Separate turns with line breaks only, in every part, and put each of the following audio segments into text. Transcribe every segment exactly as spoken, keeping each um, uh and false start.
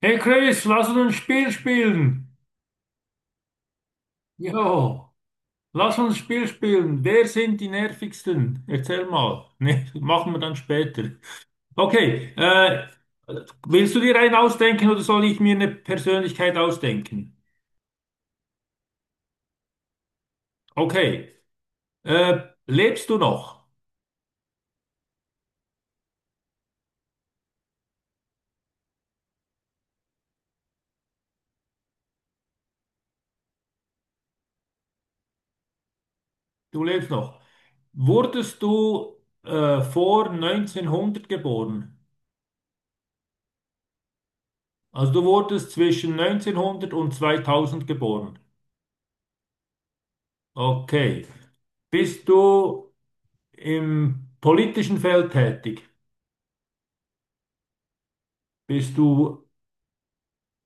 Hey Chris, lass uns ein Spiel spielen. Jo, lass uns ein Spiel spielen. Wer sind die nervigsten? Erzähl mal. Ne, machen wir dann später. Okay, äh, Willst du dir einen ausdenken oder soll ich mir eine Persönlichkeit ausdenken? Okay, äh, Lebst du noch? Du lebst noch. Wurdest du äh, vor neunzehnhundert geboren? Also du wurdest zwischen neunzehnhundert und zweitausend geboren. Okay. Bist du Im politischen Feld tätig? Bist du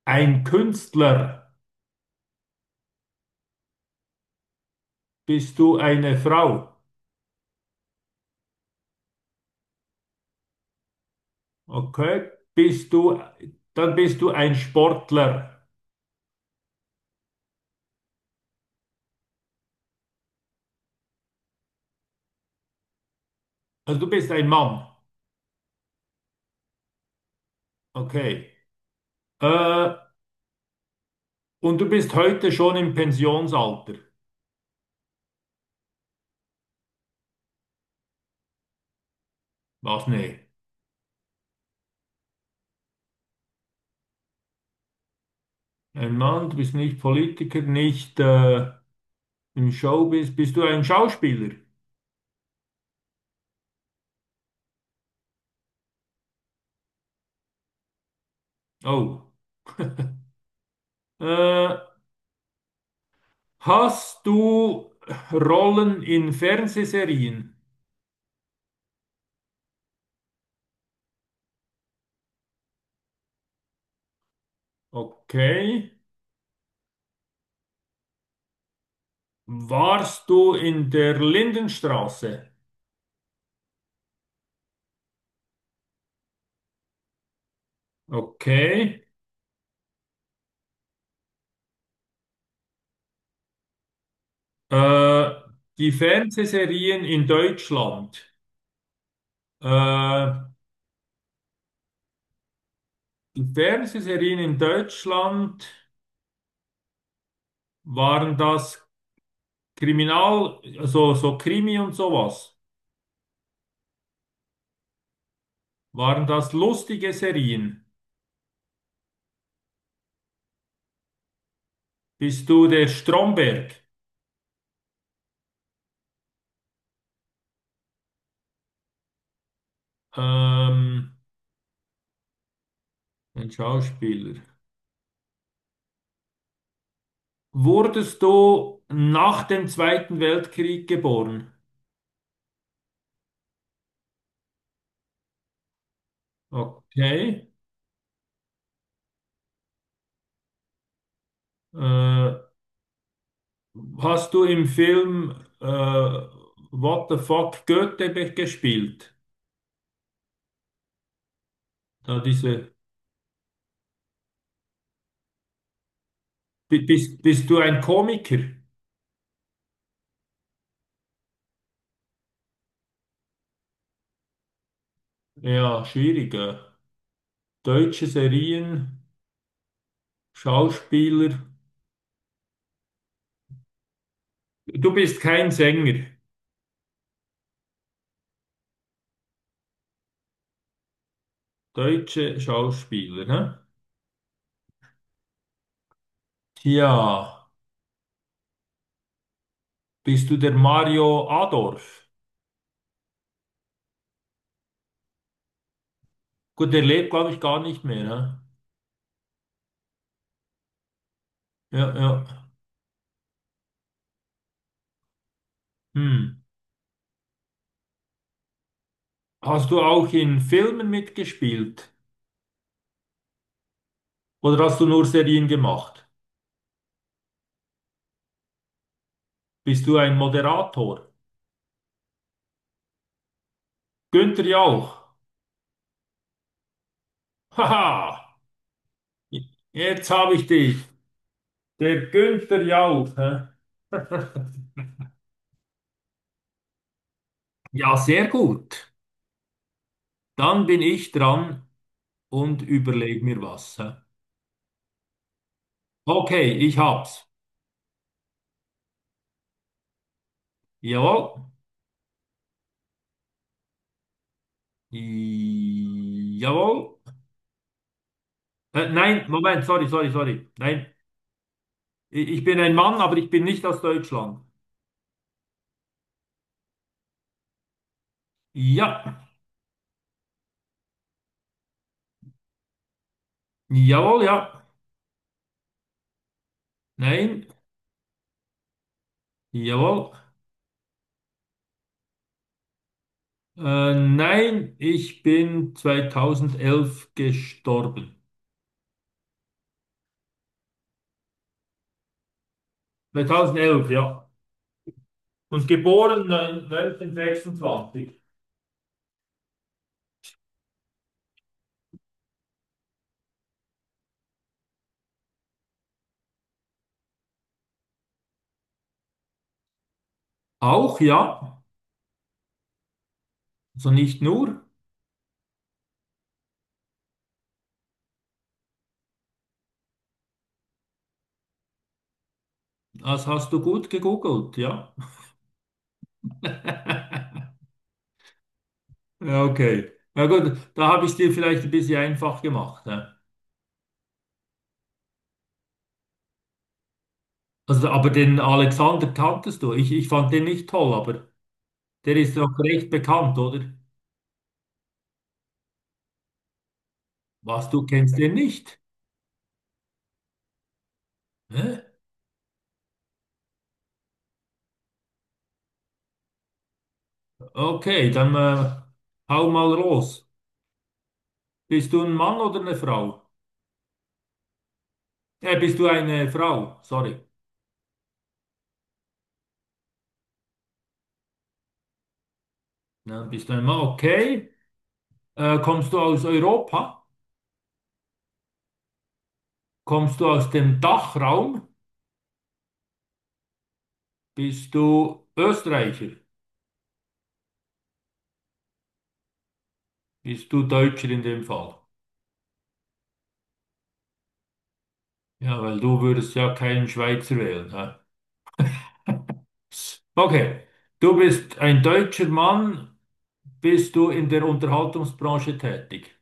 ein Künstler? Bist du eine Frau? Okay. Bist du, dann bist du ein Sportler. Also du bist ein Mann. Okay. Äh, und du bist heute schon im Pensionsalter. Was? Nee. Ein Mann, du bist nicht Politiker, nicht äh, im Showbiz. Bist du ein Schauspieler? Oh. Äh, Hast du Rollen in Fernsehserien? Okay. Warst du in der Lindenstraße? Okay. Äh, Die Fernsehserien in Deutschland. Äh, Die Fernsehserien in Deutschland, waren das Kriminal, also so Krimi und sowas? Waren das lustige Serien? Bist du der Stromberg? Ähm, ein Schauspieler. Wurdest du nach dem Zweiten Weltkrieg geboren? Okay. Äh, Hast du im Film äh, What the fuck Goethe be- gespielt? Da diese, bi- bist, bist du ein Komiker? Ja, schwierig. äh. Deutsche Serien, Schauspieler. Du bist kein Sänger. Deutsche Schauspieler, ne? Tja, bist du der Mario Adorf? Gut, der lebt, glaube ich, gar nicht mehr, ne? Ja, ja. Hm. Hast du auch in Filmen mitgespielt? Oder hast du nur Serien gemacht? Bist du ein Moderator? Günther Jauch. Haha, jetzt habe ich dich. Der Günther Jauch. Hä? Ja, sehr gut. Dann bin ich dran und überleg mir was. Hä? Okay, ich hab's. Jawohl. I- Jawohl. Äh, nein, Moment, sorry, sorry, sorry. Nein, i- ich bin ein Mann, aber ich bin nicht aus Deutschland. Ja. Jawohl, ja. Nein. Jawohl. Äh, nein, ich bin zweitausendelf gestorben. zweitausendelf, ja. Und geboren neun- neunzehnhundertsechsundzwanzig. Auch ja, also nicht nur, das hast du gut gegoogelt, ja. Ja, okay. Na gut, da habe ich es dir vielleicht ein bisschen einfach gemacht. Ne? Also, aber den Alexander kanntest du. Ich, ich fand den nicht toll, aber der ist doch recht bekannt, oder? Was, du kennst den nicht? Hä? Okay, dann äh, Hau mal los. Bist du ein Mann oder eine Frau? Äh, bist du eine Frau? Sorry. Ja, bist du ein Mann? Okay. Äh, kommst du aus Europa? Kommst du aus dem Dachraum? Bist du Österreicher? Bist du Deutscher in dem Fall? Ja, weil du würdest ja keinen Schweizer wählen. Ja. Okay. Du bist ein deutscher Mann. Bist du in der Unterhaltungsbranche tätig?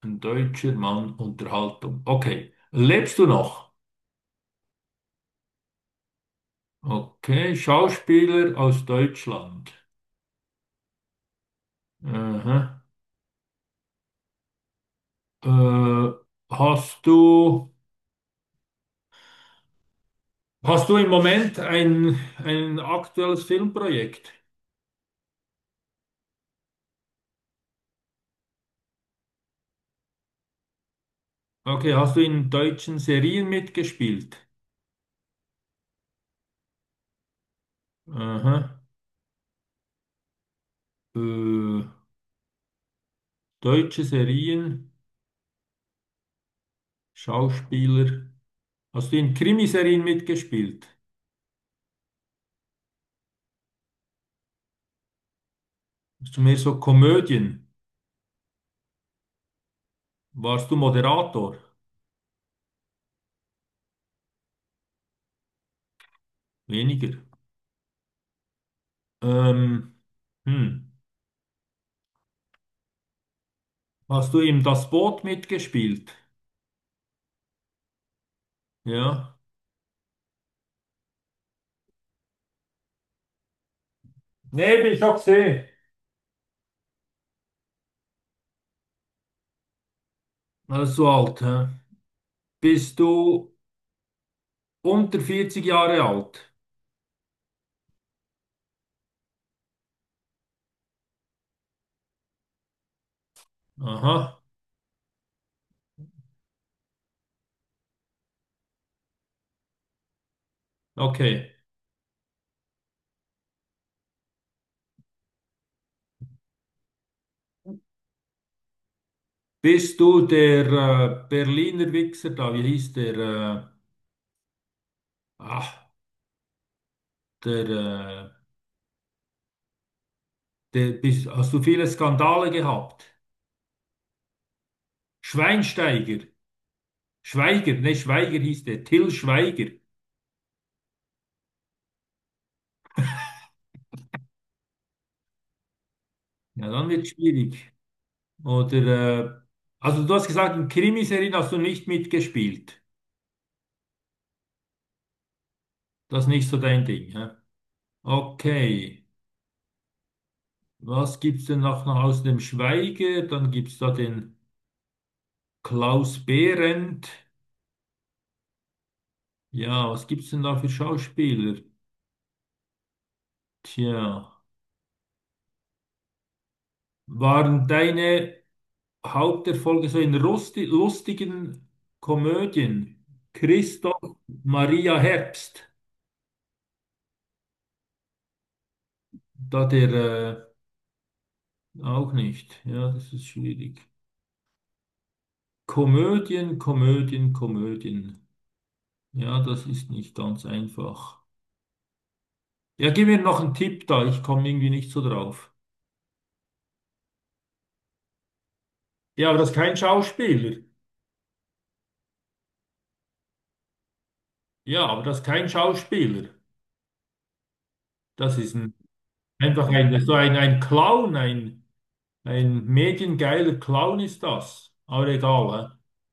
Ein deutscher Mann, Unterhaltung. Okay. Lebst du noch? Okay. Schauspieler aus Deutschland. Aha. Äh, hast du, hast du im Moment ein, ein aktuelles Filmprojekt? Okay, hast du in deutschen Serien mitgespielt? Aha. Äh, Deutsche Serien, Schauspieler. Hast du in Krimiserien mitgespielt? Hast du mehr so Komödien? Warst du Moderator? Weniger. Ähm, hm. Hast du im Das Boot mitgespielt? Ja. Nee, bin ich auch gesehen. Also so alt, hä? Bist du unter vierzig Jahre alt? Aha, okay. Bist du der äh, Berliner Wichser da? Wie hieß der? Äh, ach, der, äh, der bist, hast du viele Skandale gehabt? Schweinsteiger. Schweiger, ne, Schweiger hieß der. Till Schweiger. Ja, dann wird schwierig. Oder, äh, also du hast gesagt, in Krimiserien hast du nicht mitgespielt. Das ist nicht so dein Ding, hä? Okay. Was gibt's denn noch, noch aus dem Schweige? Dann gibt's da den Klaus Behrendt. Ja, was gibt's denn da für Schauspieler? Tja, waren deine Haupterfolge so in rusti lustigen Komödien? Christoph Maria Herbst, da der äh, auch nicht. Ja, das ist schwierig. Komödien, Komödien, Komödien. Ja, das ist nicht ganz einfach. Ja, gib mir noch einen Tipp da, ich komme irgendwie nicht so drauf. Ja, aber das ist kein Schauspieler. Ja, aber das ist kein Schauspieler. Das ist ein, einfach ein, so ein, ein Clown, ein, ein mediengeiler Clown ist das. Aber egal, hä?